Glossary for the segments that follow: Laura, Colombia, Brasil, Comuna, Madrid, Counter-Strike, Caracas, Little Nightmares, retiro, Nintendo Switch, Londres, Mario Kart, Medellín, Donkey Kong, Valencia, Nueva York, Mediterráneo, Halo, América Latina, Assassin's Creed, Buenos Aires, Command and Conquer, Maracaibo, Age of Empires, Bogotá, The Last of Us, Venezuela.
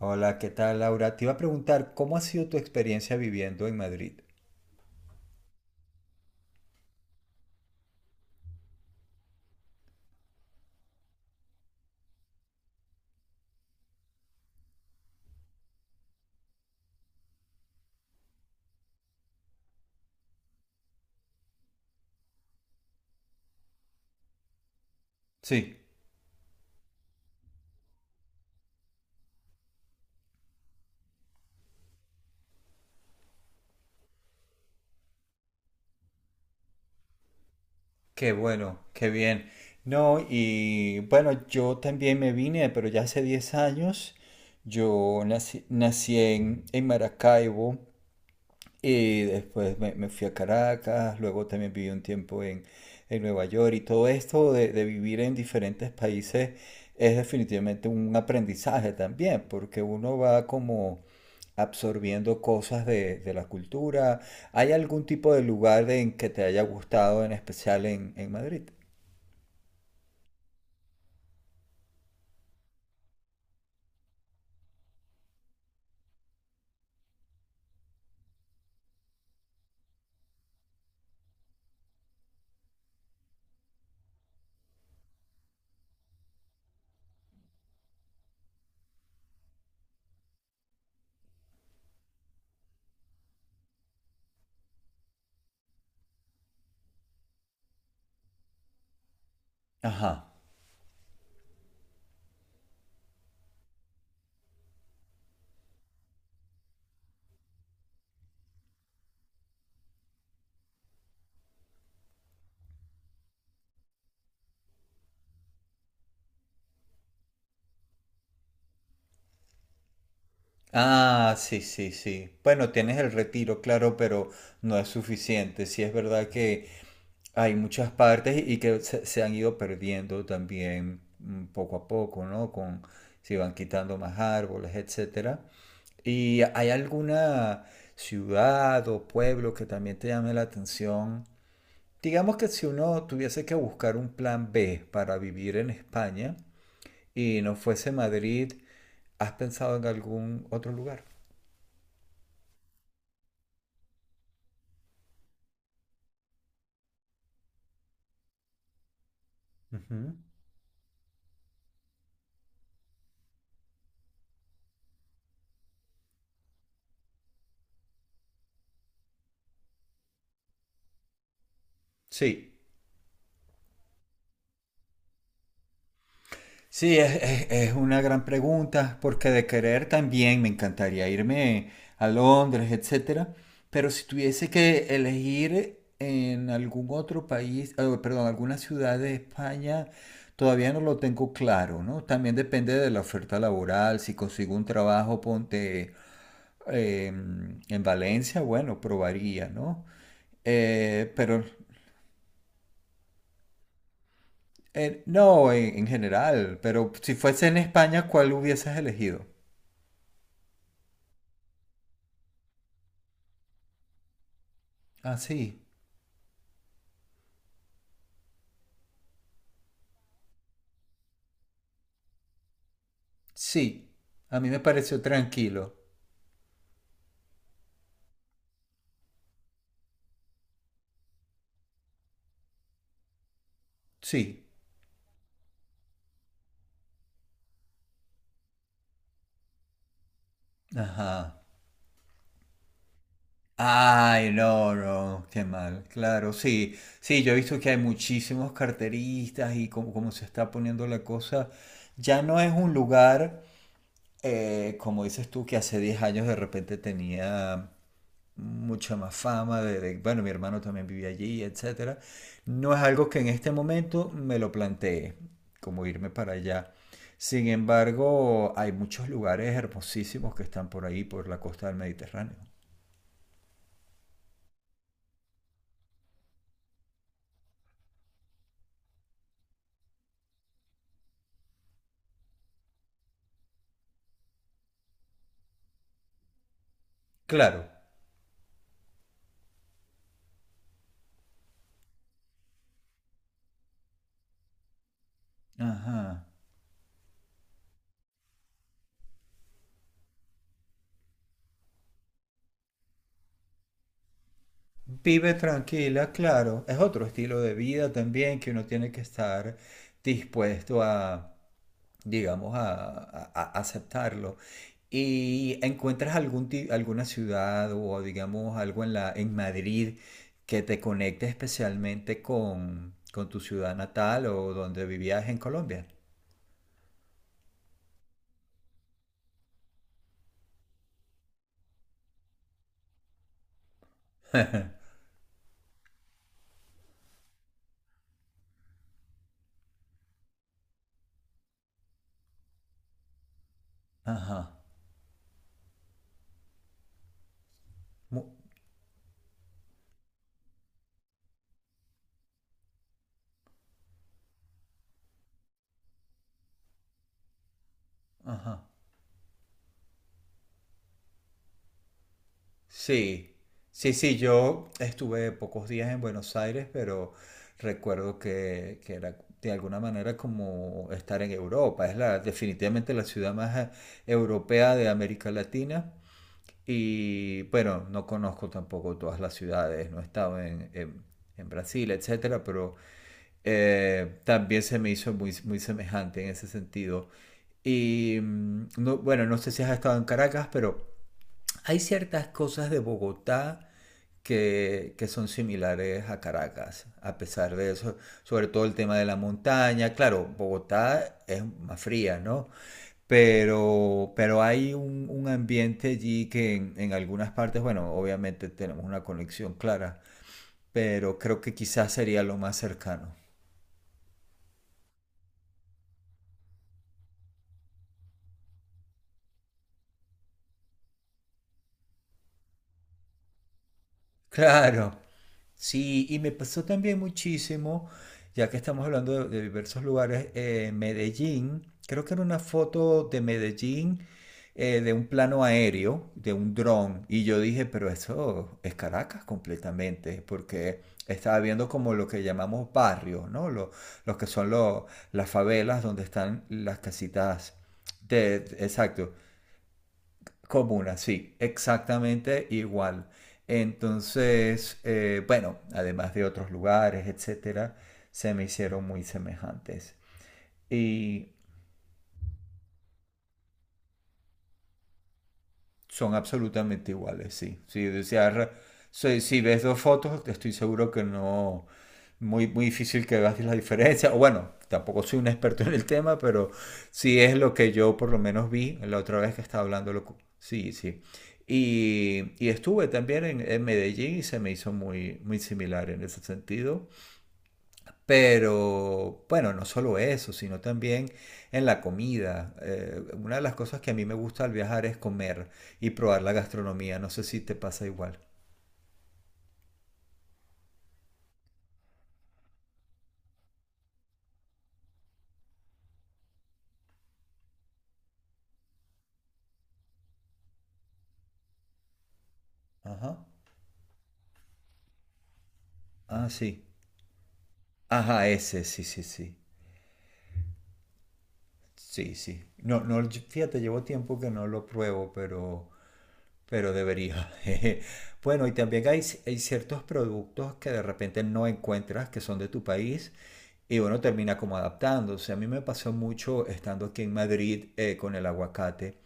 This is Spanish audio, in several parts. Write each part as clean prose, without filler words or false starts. Hola, ¿qué tal, Laura? Te iba a preguntar, ¿cómo ha sido tu experiencia viviendo en Madrid? Sí. Qué bueno, qué bien. No, y bueno, yo también me vine, pero ya hace 10 años. Yo nací en Maracaibo. Y después me fui a Caracas, luego también viví un tiempo en Nueva York, y todo esto de vivir en diferentes países es definitivamente un aprendizaje también, porque uno va como absorbiendo cosas de la cultura. ¿Hay algún tipo de lugar en que te haya gustado en especial en Madrid? Ajá. Ah, sí, sí, sí. Bueno, tienes el Retiro, claro, pero no es suficiente. Sí es verdad que hay muchas partes y que se han ido perdiendo también, poco a poco, ¿no? Se van quitando más árboles, etcétera. ¿Y hay alguna ciudad o pueblo que también te llame la atención? Digamos que si uno tuviese que buscar un plan B para vivir en España y no fuese Madrid, ¿has pensado en algún otro lugar? Ujú. Sí. Sí, es una gran pregunta, porque de querer también me encantaría irme a Londres, etcétera, pero si tuviese que elegir en algún otro país, perdón, alguna ciudad de España, todavía no lo tengo claro, ¿no? También depende de la oferta laboral, si consigo un trabajo, ponte eh, en Valencia, bueno, probaría, ¿no? Pero. No, en general, pero si fuese en España, ¿cuál hubieses elegido? Ah, sí, sí. A mí me pareció tranquilo. Sí. Ajá. Ay, no, no, qué mal. Claro, sí. Sí, yo he visto que hay muchísimos carteristas y como se está poniendo la cosa, ya no es un lugar, como dices tú, que hace 10 años de repente tenía mucha más fama, bueno, mi hermano también vivía allí, etcétera. No es algo que en este momento me lo planteé, como irme para allá. Sin embargo, hay muchos lugares hermosísimos que están por ahí, por la costa del Mediterráneo. Claro. Ajá. Vive tranquila, claro. Es otro estilo de vida también que uno tiene que estar dispuesto a, digamos, a aceptarlo. Y encuentras alguna ciudad o, digamos, algo en Madrid que te conecte especialmente con tu ciudad natal o donde vivías en Colombia. Ajá. Mu- Ajá. Sí. Sí, sí, yo estuve pocos días en Buenos Aires, pero recuerdo que era de alguna manera como estar en Europa. Es definitivamente la ciudad más europea de América Latina. Y bueno, no conozco tampoco todas las ciudades, no he estado en, en Brasil, etcétera, pero también se me hizo muy, muy semejante en ese sentido. Y no, bueno, no sé si has estado en Caracas, pero hay ciertas cosas de Bogotá que son similares a Caracas, a pesar de eso, sobre todo el tema de la montaña. Claro, Bogotá es más fría, ¿no? Pero hay un ambiente allí que en algunas partes, bueno, obviamente tenemos una conexión clara, pero creo que quizás sería lo más cercano. Claro. Sí, y me pasó también muchísimo, ya que estamos hablando de diversos lugares, en Medellín, creo que era una foto de Medellín, de un plano aéreo, de un dron, y yo dije, pero eso es Caracas completamente, porque estaba viendo como lo que llamamos barrios, ¿no? Los que son las favelas donde están las casitas exacto. Comuna, sí, exactamente igual. Entonces, bueno, además de otros lugares, etcétera, se me hicieron muy semejantes. Y son absolutamente iguales, sí. Sí, o sea, si, si ves dos fotos, estoy seguro que no, muy, muy difícil que veas la diferencia. O bueno, tampoco soy un experto en el tema, pero sí es lo que yo por lo menos vi la otra vez que estaba hablando. Sí, sí. Y estuve también en Medellín y se me hizo muy, muy similar en ese sentido. Pero bueno, no solo eso, sino también en la comida. Una de las cosas que a mí me gusta al viajar es comer y probar la gastronomía. No sé si te pasa igual. Ajá. Ah, sí. Ajá, ese, sí, sí, sí. Sí, sí. No, no, fíjate, llevo tiempo que no lo pruebo, pero debería. Jeje. Bueno, y también hay ciertos productos que de repente no encuentras que son de tu país. Y bueno, termina como adaptándose. A mí me pasó mucho estando aquí en Madrid, con el aguacate,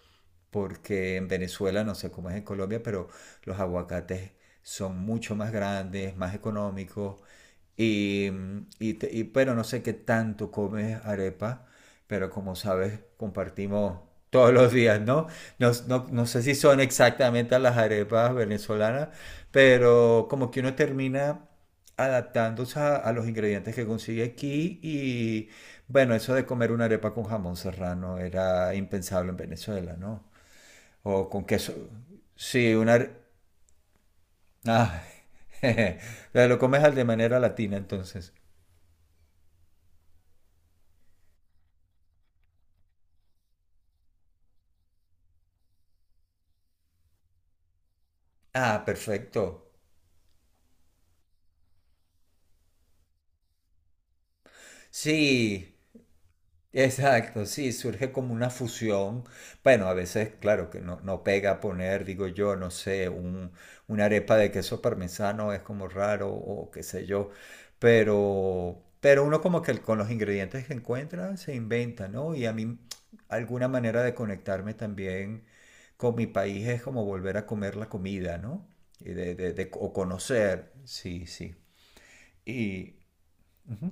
porque en Venezuela, no sé cómo es en Colombia, pero los aguacates son mucho más grandes, más económicos. Pero no sé qué tanto comes arepa, pero como sabes, compartimos todos los días, ¿no? No, no, no sé si son exactamente las arepas venezolanas, pero como que uno termina adaptándose a los ingredientes que consigue aquí y bueno, eso de comer una arepa con jamón serrano era impensable en Venezuela, ¿no? O con queso. Sí. Ah. Jeje. Lo comes al de manera latina, entonces. Ah, perfecto. Sí. Exacto, sí, surge como una fusión. Bueno, a veces, claro, que no, no pega poner, digo yo, no sé, una arepa de queso parmesano es como raro o qué sé yo, pero uno como que con los ingredientes que encuentra se inventa, ¿no? Y a mí alguna manera de conectarme también con mi país es como volver a comer la comida, ¿no? Y o conocer, sí, sí. Y, ujú,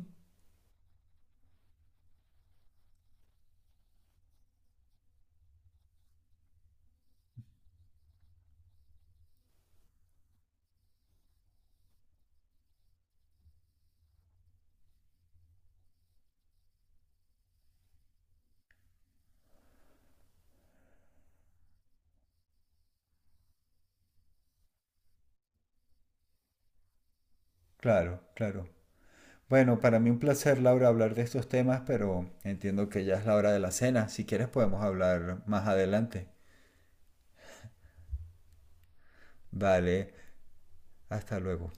claro, claro. Bueno, para mí un placer, Laura, hablar de estos temas, pero entiendo que ya es la hora de la cena. Si quieres podemos hablar más adelante. Vale, hasta luego.